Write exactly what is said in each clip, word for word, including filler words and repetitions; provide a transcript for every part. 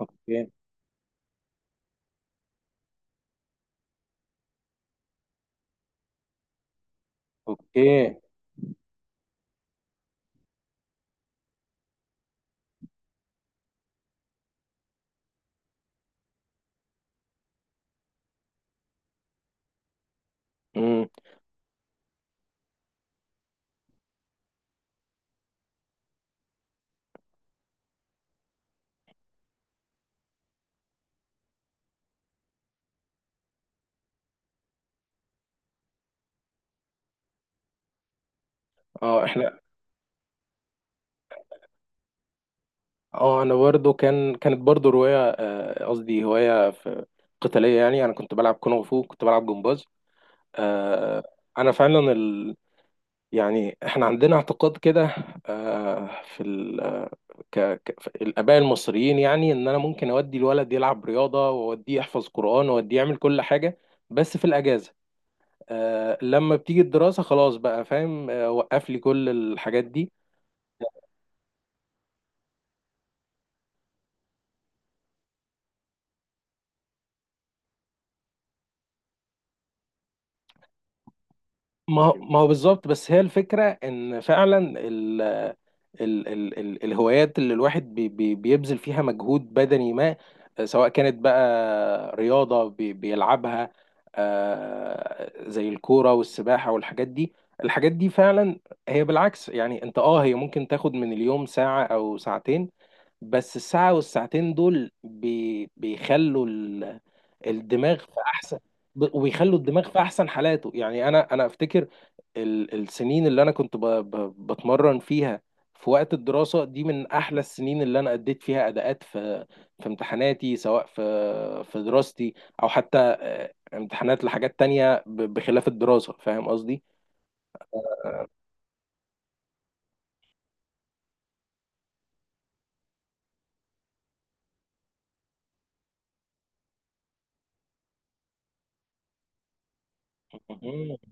اوكي، اوكي. امم اه احنا، اه انا برضو كان كانت برضو رواية، آه، قصدي هواية في قتالية. يعني انا كنت بلعب كونغ فو، كنت بلعب جمباز. آه، انا فعلا ال... يعني احنا عندنا اعتقاد كده، آه، في ال... ك... ك... في الآباء المصريين. يعني إن أنا ممكن أودي الولد يلعب رياضة، وأوديه يحفظ قرآن، وأوديه يعمل كل حاجة، بس في الأجازة. آه لما بتيجي الدراسة خلاص بقى، فاهم، آه وقف لي كل الحاجات دي. ما هو ما هو بالظبط، بس هي الفكرة إن فعلا ال- ال ال ال الهوايات اللي الواحد بي بي بيبذل فيها مجهود بدني ما، آه، سواء كانت بقى رياضة بي بيلعبها، آه، زي الكورة والسباحة والحاجات دي الحاجات دي فعلا هي بالعكس. يعني انت، اه هي ممكن تاخد من اليوم ساعة او ساعتين، بس الساعة والساعتين دول بي بيخلوا ال- الدماغ في احسن، ب- ويخلوا الدماغ في احسن حالاته. يعني انا انا افتكر ال- السنين اللي انا كنت ب- ب- بتمرن فيها في وقت الدراسة دي من أحلى السنين اللي أنا أديت فيها أداءات في في امتحاناتي، سواء في في دراستي، أو حتى آه، امتحانات لحاجات تانية ب- بخلاف الدراسة، فاهم قصدي؟ مهم.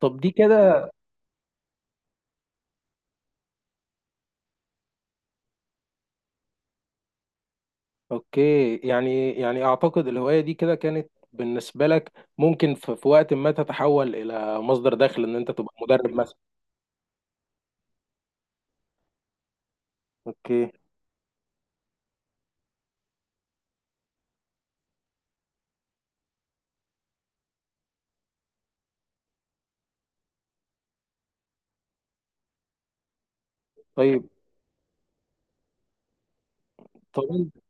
طب دي كده. أوكي، يعني يعني أعتقد الهواية دي كده كانت بالنسبة لك ممكن في في وقت ما تتحول إلى مصدر دخل، إن أنت تبقى مدرب مثلا. أوكي. طيب. طب أنت-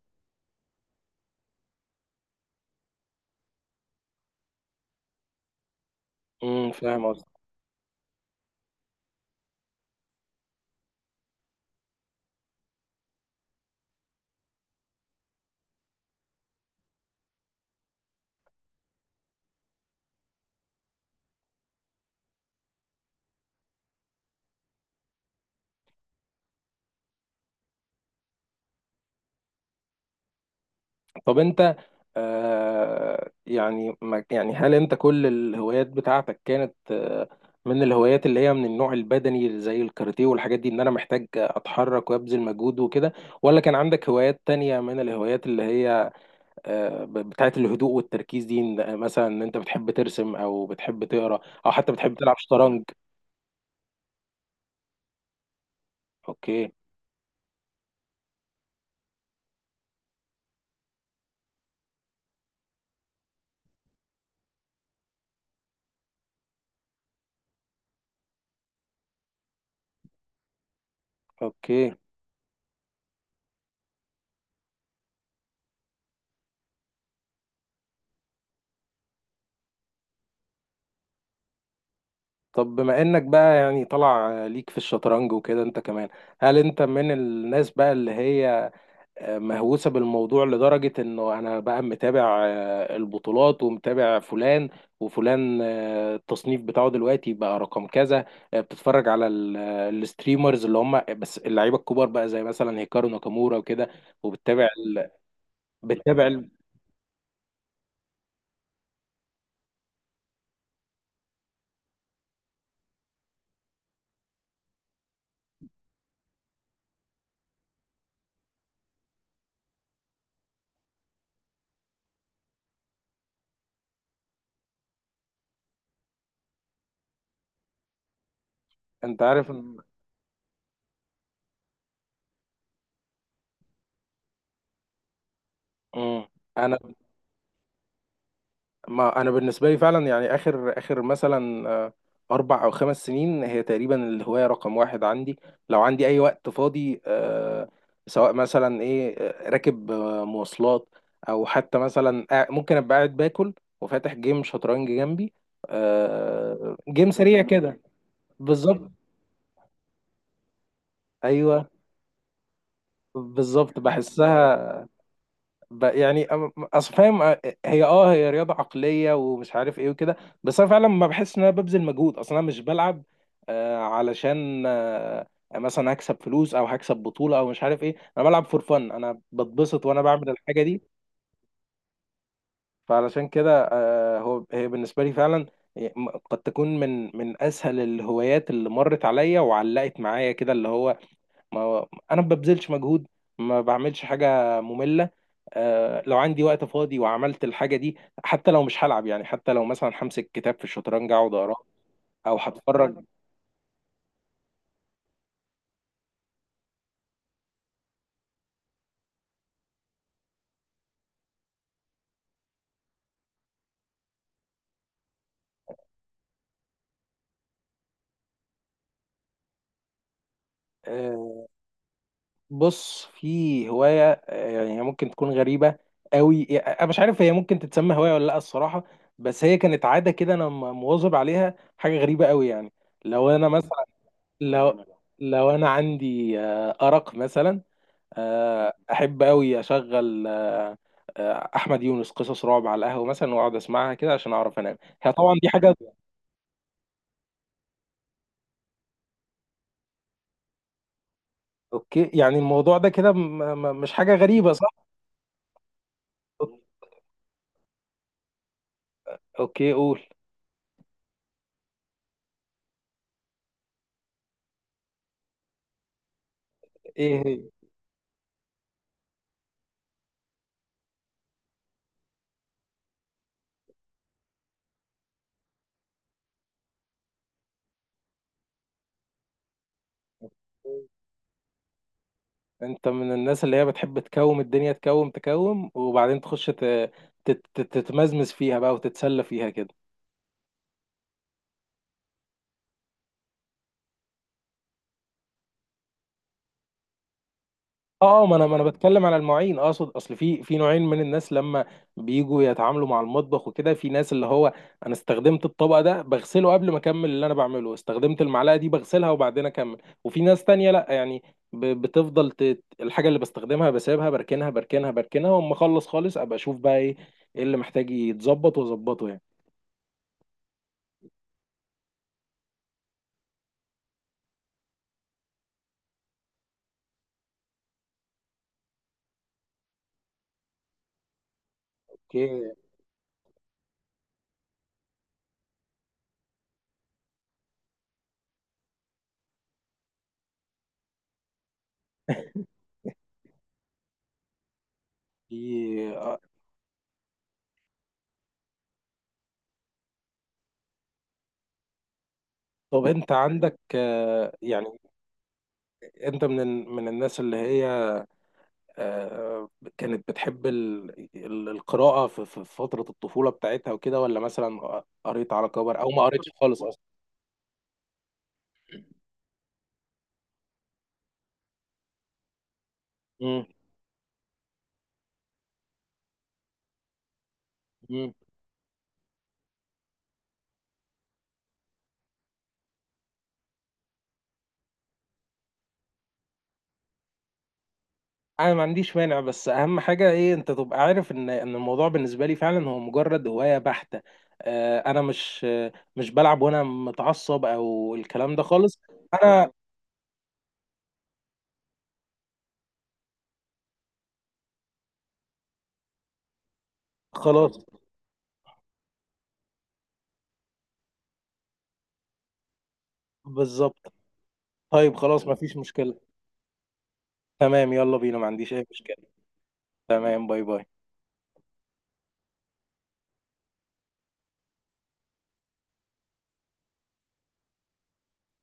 مم، فاهم. طب انت، آه يعني، ما يعني هل انت كل الهوايات بتاعتك كانت آه من الهوايات اللي هي من النوع البدني زي الكاراتيه والحاجات دي، ان انا محتاج اتحرك وابذل مجهود وكده؟ ولا كان عندك هوايات تانية من الهوايات اللي هي آه ب- بتاعت الهدوء والتركيز دي، ان- آه، مثلا ان انت بتحب ترسم او بتحب تقرا او حتى بتحب تلعب شطرنج؟ اوكي، اوكي. طب بما انك بقى يعني طلع آه، ليك في الشطرنج وكده، انت كمان هل انت من الناس بقى اللي هي مهووسة بالموضوع لدرجة انه انا بقى متابع آه، البطولات، ومتابع فلان وفلان، آه، التصنيف بتاعه دلوقتي بقى رقم كذا، آه، بتتفرج على ال- آه، الستريمرز اللي هم بس اللعيبة الكبار بقى، زي مثلا هيكارو ناكامورا وكده، وبتتابع ال... بتتابع ال... انت عارف إن- مم. انا ما انا بالنسبه لي فعلا، يعني اخر اخر مثلا آه، اربع او خمس سنين هي تقريبا الهوايه رقم واحد عندي. لو عندي اي وقت فاضي، آه، سواء مثلا ايه، آه، راكب آه، مواصلات، او حتى مثلا قاع- ممكن ابقى قاعد باكل وفاتح جيم شطرنج جنبي، آه، جيم سريع كده. بالظبط. ايوه، بالظبط، بحسها. ب- يعني، أم- اصل فاهم، أ- هي اه هي رياضه عقليه ومش عارف ايه وكده، بس انا فعلا ما بحس ان انا ببذل مجهود اصلا. انا مش بلعب آه، علشان آه، مثلا هكسب فلوس او هكسب بطوله او مش عارف ايه، انا بلعب فور فن، انا بتبسط وانا بعمل الحاجه دي. فعلشان كده، آه، هو هي بالنسبه لي فعلا م- قد تكون من من اسهل الهوايات اللي مرت عليا وعلقت معايا كده، اللي هو ما هو انا ما ببذلش مجهود، ما بعملش حاجه ممله. آه لو عندي وقت فاضي وعملت الحاجه دي، حتى لو مش هلعب، يعني حتى لو مثلا همسك كتاب في الشطرنج اقعد اقراه، او هتفرج. آه بص، في هوايه، آه يعني، هي ممكن تكون غريبه قوي، يعني انا مش عارف هي ممكن تتسمى هوايه ولا لا الصراحه، بس هي كانت عاده كده انا م- مواظب عليها، حاجه غريبه قوي يعني. لو انا مثلا، لو لو انا عندي آه ارق مثلا، آه، احب قوي اشغل آه، آه، احمد يونس قصص رعب على القهوه مثلا، واقعد اسمعها كده عشان اعرف انام. هي طبعا دي حاجه. اوكي، يعني الموضوع ده كده م- م- مش حاجه غريبه، صح؟ اوكي، قول. ايه هي؟ انت من الناس اللي هي بتحب تكوم الدنيا تكوم تكوم، وبعدين تخش ت- تت- تت- تتمزمز فيها بقى وتتسلى فيها كده؟ اه، اه. ما انا ما انا بتكلم على المواعين، اقصد، اصل في في نوعين من الناس لما بيجوا يتعاملوا مع المطبخ وكده. في ناس اللي هو انا استخدمت الطبق ده بغسله قبل ما اكمل اللي انا بعمله، استخدمت المعلقه دي بغسلها وبعدين اكمل. وفي ناس تانية لا، يعني ب- بتفضل ت... الحاجه اللي بستخدمها بسيبها، بركنها بركنها بركنها، واما اخلص خالص ابقى اشوف بقى ايه، إيه اللي محتاج يتظبط واظبطه يعني. اوكي. في آه، طب انت عندك، آه، يعني انت من ال- من الناس اللي هي آه، كانت بتحب ال- ال- القراءة في في فترة الطفولة بتاعتها وكده، ولا مثلا قريت على كبر أو ما قريتش خالص أصلا؟ مم. مم. أنا ما عنديش مانع، بس أهم حاجة إيه، أنت تبقى عارف إن إن الموضوع بالنسبة لي فعلا هو مجرد هواية بحتة. آه، أنا مش آه، مش بلعب وأنا متعصب أو الكلام ده خالص. أنا خلاص. بالظبط. طيب، خلاص، مفيش مشكلة. تمام، يلا بينا، ما عنديش أي مشكلة. تمام. باي، باي.